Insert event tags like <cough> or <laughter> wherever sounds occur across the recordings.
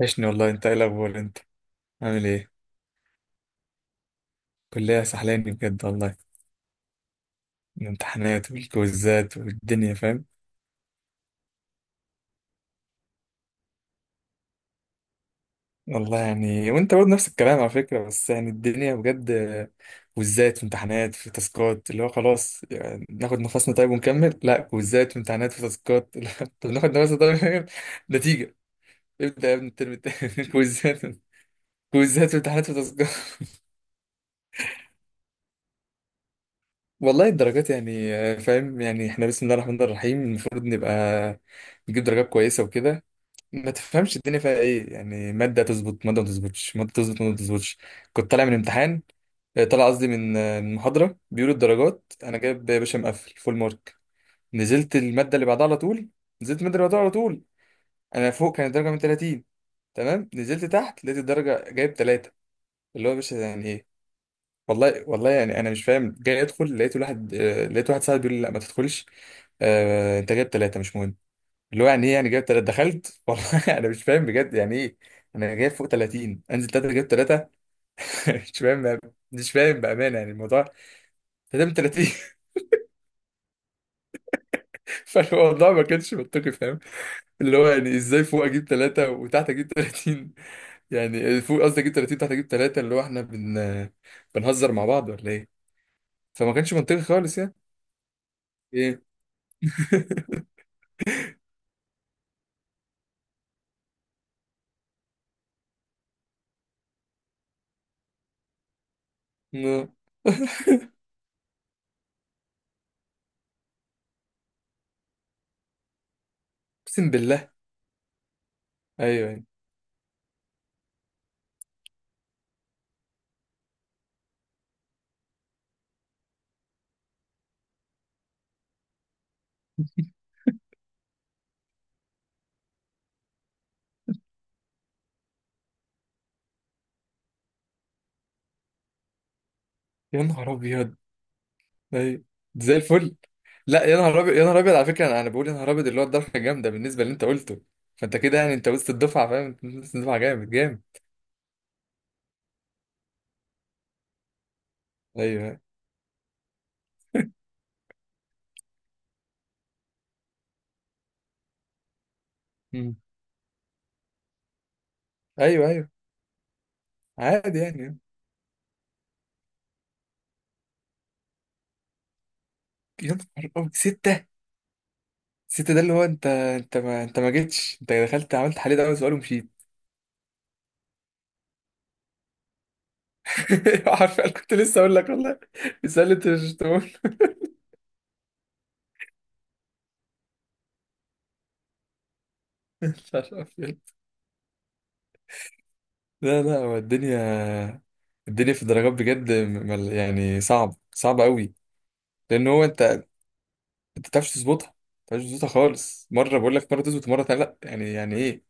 وحشني والله، انت ايه الاخبار؟ انت عامل ايه؟ كلية سحلاني بجد والله. الامتحانات والكويزات والدنيا، فاهم؟ والله يعني وانت برضه نفس الكلام على فكرة، بس يعني الدنيا بجد كويزات وامتحانات في تاسكات، اللي هو خلاص يعني ناخد نفسنا طيب ونكمل؟ لا، كويزات وامتحانات في تاسكات <laughs> لا، طب ناخد نفسنا طيب ونكمل. نتيجة ابدأ يا ابني الترم التاني <laughs> كويزات وامتحانات في تاسكات. والله الدرجات يعني فاهم؟ يعني احنا بسم الله الرحمن الرحيم المفروض نبقى نجيب درجات كويسة وكده. ما تفهمش الدنيا فيها ايه يعني، ماده تظبط ماده ما تظبطش، ماده تظبط ماده ما تظبطش. كنت طالع من امتحان آه، طالع قصدي من آه، من محاضره، بيقولوا الدرجات انا جايب يا باشا مقفل فول مارك. نزلت الماده اللي بعدها على طول نزلت الماده اللي بعدها على طول. انا فوق كانت درجه من 30، تمام. نزلت تحت لقيت الدرجه جايب 3. اللي هو يا باشا يعني ايه؟ والله والله يعني انا مش فاهم. جاي ادخل لقيت واحد لقيت واحد صاحبي بيقول لي: لا ما تدخلش، انت جايب 3 مش مهم. اللي هو يعني ايه يعني، جايب تلاتة، دخلت <laughs> والله انا مش فاهم بجد يعني ايه. انا جايب فوق 30 انزل تلاتة، جايب تلاتة. <laughs> مش فاهم. بامانه يعني الموضوع، تمام 30. <laughs> فالموضوع ما كانش منطقي، فاهم؟ اللي هو يعني ازاي فوق اجيب تلاتة وتحت اجيب 30، <laughs> يعني فوق قصدي اجيب 30 تحت اجيب تلاتة، اللي هو احنا بنهزر مع بعض ولا ايه؟ فما كانش منطقي خالص يعني. ايه؟ <laughs> اقسم بالله. ايوه، أيوة. يا نهار ابيض. ايوه زي الفل. لا يا نهار ابيض، يا نهار ابيض على فكره، أنا بقول يا نهار ابيض اللي هو الضربه جامده بالنسبه اللي انت قلته. فانت كده يعني انت وسط الدفعه، فاهم؟ انت وسط الدفعه جامد جامد. ايوه. مم. ايوه ايوه، عادي يعني. يا نهار ابيض سته. سته ده اللي هو انت، انت ما جيتش، انت دخلت عملت حل ده اول سؤال ومشيت. <laughs> عارف كنت لسه اقول لك والله، السؤال اللي انت مش تقول. <laughs> مش عارف إيه. <laughs> لا لا، هو الدنيا، الدنيا في الدرجات بجد، يعني صعب صعب قوي. لان هو انت، انت ما بتعرفش تظبطها، خالص، مره بقول لك مره تظبط مره تانية لا، يعني يعني ايه.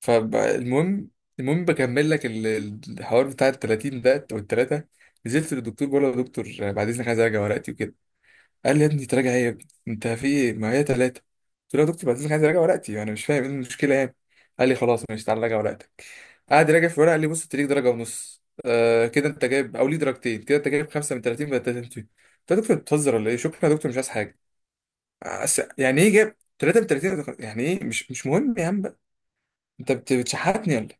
فالمهم، المهم بكمل لك الحوار بتاع ال 30 ده او الثلاثه. نزلت للدكتور بقول له: يا دكتور بعد اذنك عايز اراجع ورقتي وكده. قال لي: يا ابني تراجع ايه يا ابني، انت في ايه، ما هي ثلاثه. قلت له: يا دكتور بعد اذنك عايز اراجع ورقتي، انا مش فاهم ايه المشكله يعني. قال لي: خلاص ماشي تعالى راجع ورقتك. قعد يراجع في ورقه قال لي: بص انت ليك درجه ونص، آه كده انت جايب، او ليه درجتين كده، انت جايب خمسه من 30 بدل 30. قلت له: يا دكتور بتهزر ولا ايه، شكرا يا دكتور مش عايز حاجه. يعني ايه جاب 33 يعني ايه مش مهم يا عم بقى. انت بتشحتني ولا إيه؟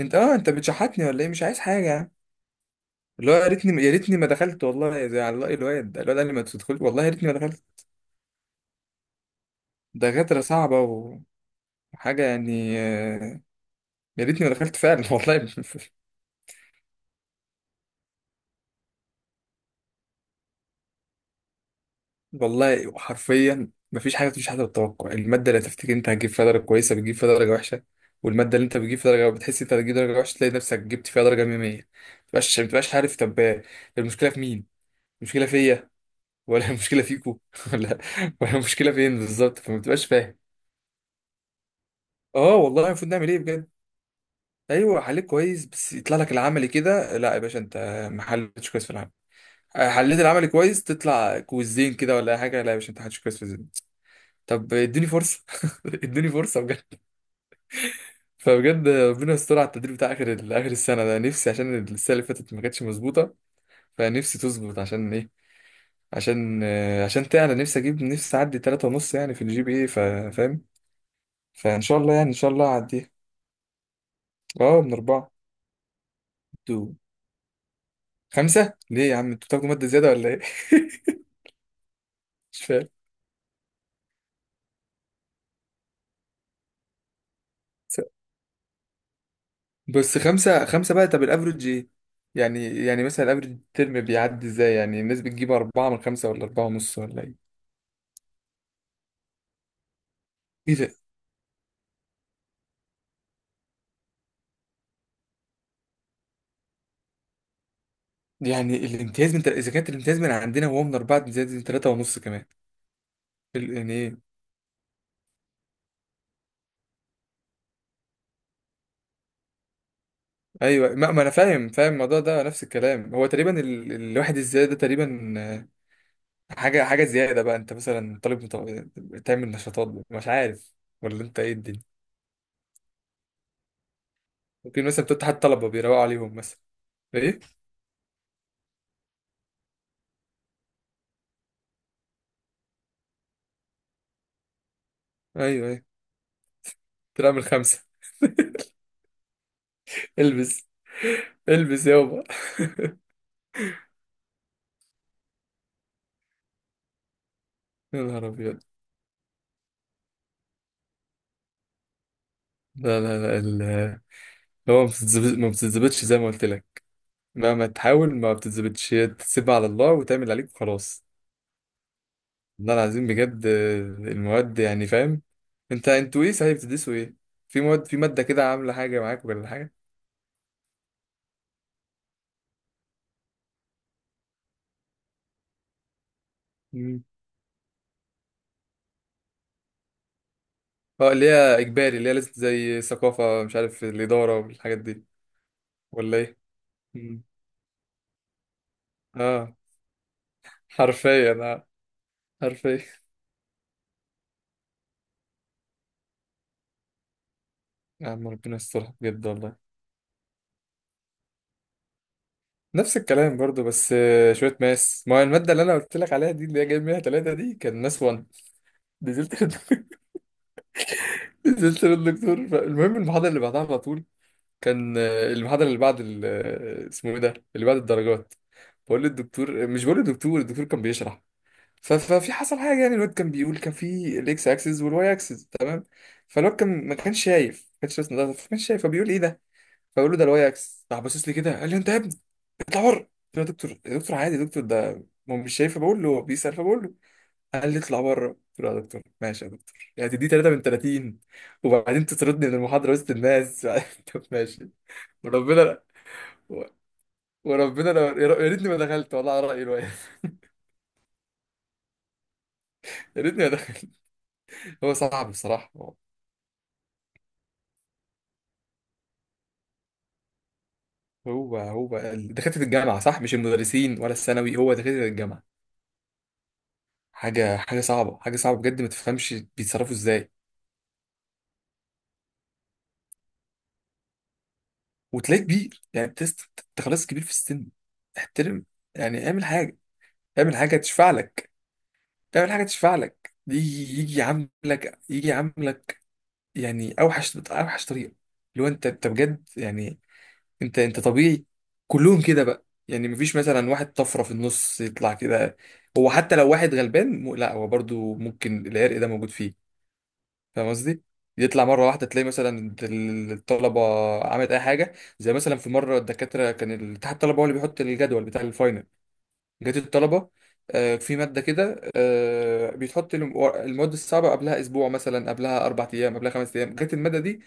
انت، اه انت بتشحتني ولا ايه، مش عايز حاجه يا عم. اللي هو يا ريتني ما دخلت والله، زي على رأي الواد ده، الواد قال لي ما تدخلش. والله يا ريتني ما دخلت. دكاتره صعبه وحاجه يعني يا ريتني ما دخلت فعلا <laughs> والله. والله حرفيا مفيش حاجه، مفيش حاجه بالتوقع، الماده اللي تفتكر انت هتجيب فيها درجه كويسه بتجيب فيها درجه وحشه، والماده اللي انت بتجيب فيها درجه بتحس انت هتجيب درجه وحشه تلاقي نفسك جبت فيها درجه 100. ما تبقاش عارف. طب المشكله في مين؟ مشكله فيا ولا <laughs> مشكله فيكو <laughs> ولا، ولا مشكله فين بالظبط؟ فما بتبقاش فاهم. اه والله المفروض نعمل ايه بجد. ايوه حليت كويس بس يطلع لك العملي كده، لا يا باشا انت ما حلتش كويس في العمل. حليت العملي كويس تطلع كويزين كده ولا أي حاجه، لا يا باشا انت ما حلتش كويس في الزين. طب اديني فرصه <laughs> اديني فرصه بجد. فبجد ربنا يستر على التدريب بتاع اخر السنه ده، نفسي عشان السنه اللي فاتت ما كانتش مظبوطه. فنفسي تظبط، عشان ايه؟ عشان تعلى نفسي، اجيب نفسي اعدي 3 ونص يعني في الجي بي اي، فاهم؟ فان شاء الله يعني ان شاء الله اعديها. اه من اربعه. انتوا خمسه ليه يا عم، انتوا بتاخدوا ماده زياده ولا ايه؟ <laughs> مش فاهم. س- بس خمسه خمسه بقى، طب الافرج ايه؟ يعني يعني مثلا الافرج الترم بيعدي ازاي، يعني الناس بتجيب اربعه من خمسه ولا اربعه ونص ولا ايه؟ ايه ده؟ يعني الامتياز من تل... اذا كانت الامتياز من عندنا وهو من اربعه، امتياز من ثلاثه ونص كمان. يعني ايه؟ ايوه ما انا فاهم، فاهم الموضوع ده نفس الكلام. هو تقريبا ال... الواحد ازاي ده تقريبا. حاجة حاجة زيادة بقى، انت مثلا طالب تعمل نشاطات، مش عارف ولا انت ايه الدنيا. ممكن مثلا بتتحد طلبة بيروقوا عليهم مثلا، ايه. ايوه ايه. ترى من خمسة. <laughs> البس، البس يابا. يا نهار ابيض. لا لا لا، هو ما بتتظبطش زي ما قلت لك، مهما تحاول ما بتتظبطش، هي تسيبها على الله وتعمل عليك وخلاص. والله العظيم بجد المواد يعني، فاهم. انت انتوا ايه صحيح بتدرسوا ايه؟ في مواد، في مادة كده عاملة حاجة معاك ولا حاجة؟ اه، اللي هي اجباري، اللي هي لازم زي ثقافه، مش عارف الاداره والحاجات دي ولا ايه. مم. اه حرفيا، اه حرفيا. يا عم ربنا يسترها بجد والله. نفس الكلام برضو، بس شويه ماس. ما هي الماده اللي انا قلت لك عليها دي، اللي هي جايب منها ثلاثه دي، كان ماس 1. نزلت للدك- <laughs> نزلت للدكتور، المهم المحاضره اللي بعدها على طول، كان المحاضره اللي بعد اسمه ايه ده اللي بعد الدرجات، بقول للدكتور مش بقول للدكتور، الدكتور كان بيشرح. ففي حصل حاجه، يعني الواد كان بيقول كان في الاكس اكسس والواي اكسس، تمام. فالواد كان ما كانش شايف، ما كانش راسم ده ما كانش شايف، فبيقول ايه ده. فبقول له ده الواي اكسس، راح باصص لي كده قال لي: انت يا ابني اطلع بره. قلت له: يا دكتور، يا دكتور عادي يا دكتور ده، ما هو مش شايف، بقول له هو بيسال فبقول له. قال لي: اطلع بره. قلت له: يا دكتور ماشي يا دكتور، يعني تدي 3 من 30 وبعدين تطردني من المحاضره وسط الناس <laughs> طب ماشي. وربنا وربنا لو يا ريتني ما دخلت والله، على رايي الواد. <laughs> يا ريتني ما دخلت. هو صعب بصراحه. هو دكاترة الجامعة صح، مش المدرسين ولا الثانوي، هو دكاترة الجامعة، حاجة حاجة صعبة، حاجة صعبة بجد، ما تفهمش بيتصرفوا ازاي. وتلاقيه كبير، يعني تست انت خلاص كبير في السن، احترم يعني، اعمل حاجة، اعمل حاجة تشفع لك، اعمل حاجة تشفع لك، يجي يجي يعاملك، يجي يعاملك يعني اوحش اوحش طريقة. اللي هو انت، انت بجد يعني، انت طبيعي. كلهم كده بقى يعني، مفيش مثلا واحد طفره في النص يطلع كده. هو حتى لو واحد غلبان م... لا هو برضو ممكن العرق ده موجود فيه، فاهم قصدي. يطلع مره واحده تلاقي مثلا الطلبه عملت اي حاجه. زي مثلا في مره الدكاتره، كان الاتحاد الطلبه هو اللي بيحط الجدول بتاع الفاينل، جات الطلبه في ماده كده بيتحط المواد الصعبه قبلها اسبوع مثلا، قبلها اربع ايام، قبلها خمس ايام، جت الماده دي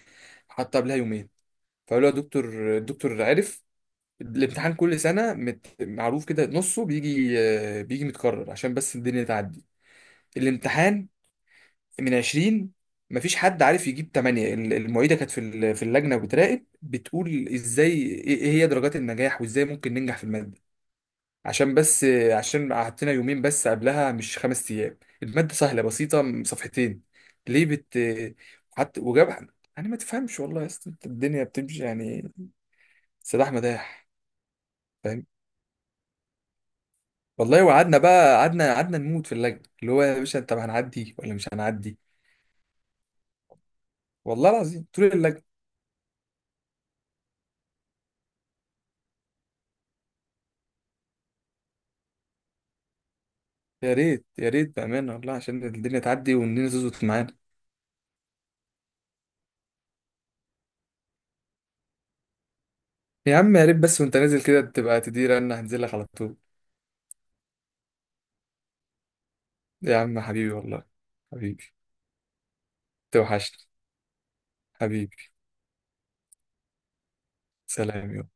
حطها قبلها يومين. فقالوا له: يا دكتور. الدكتور عرف، الامتحان كل سنة مت... معروف كده نصه بيجي بيجي متكرر عشان بس الدنيا تعدي. الامتحان من 20، مفيش حد عارف يجيب 8. المعيدة كانت في في اللجنة بتراقب بتقول: ازاي، ايه إيه هي درجات النجاح وازاي ممكن ننجح في المادة، عشان بس عشان قعدتنا يومين بس قبلها مش خمس ايام. المادة سهلة بسيطة صفحتين، ليه بت حتى وجاب يعني. ما تفهمش والله يا اسطى، الدنيا بتمشي يعني سداح مداح. فاهم؟ والله وقعدنا بقى، قعدنا نموت في اللجنه، اللي هو يا باشا طب هنعدي ولا مش هنعدي، والله العظيم طول اللجنه. يا ريت يا ريت بامانه والله عشان الدنيا تعدي والدنيا تظبط معانا. يا عم يا ريت بس، وانت نازل كده تبقى تدير، انا هنزل لك على طول. يا عم حبيبي والله، حبيبي، توحشني. حبيبي. سلام يا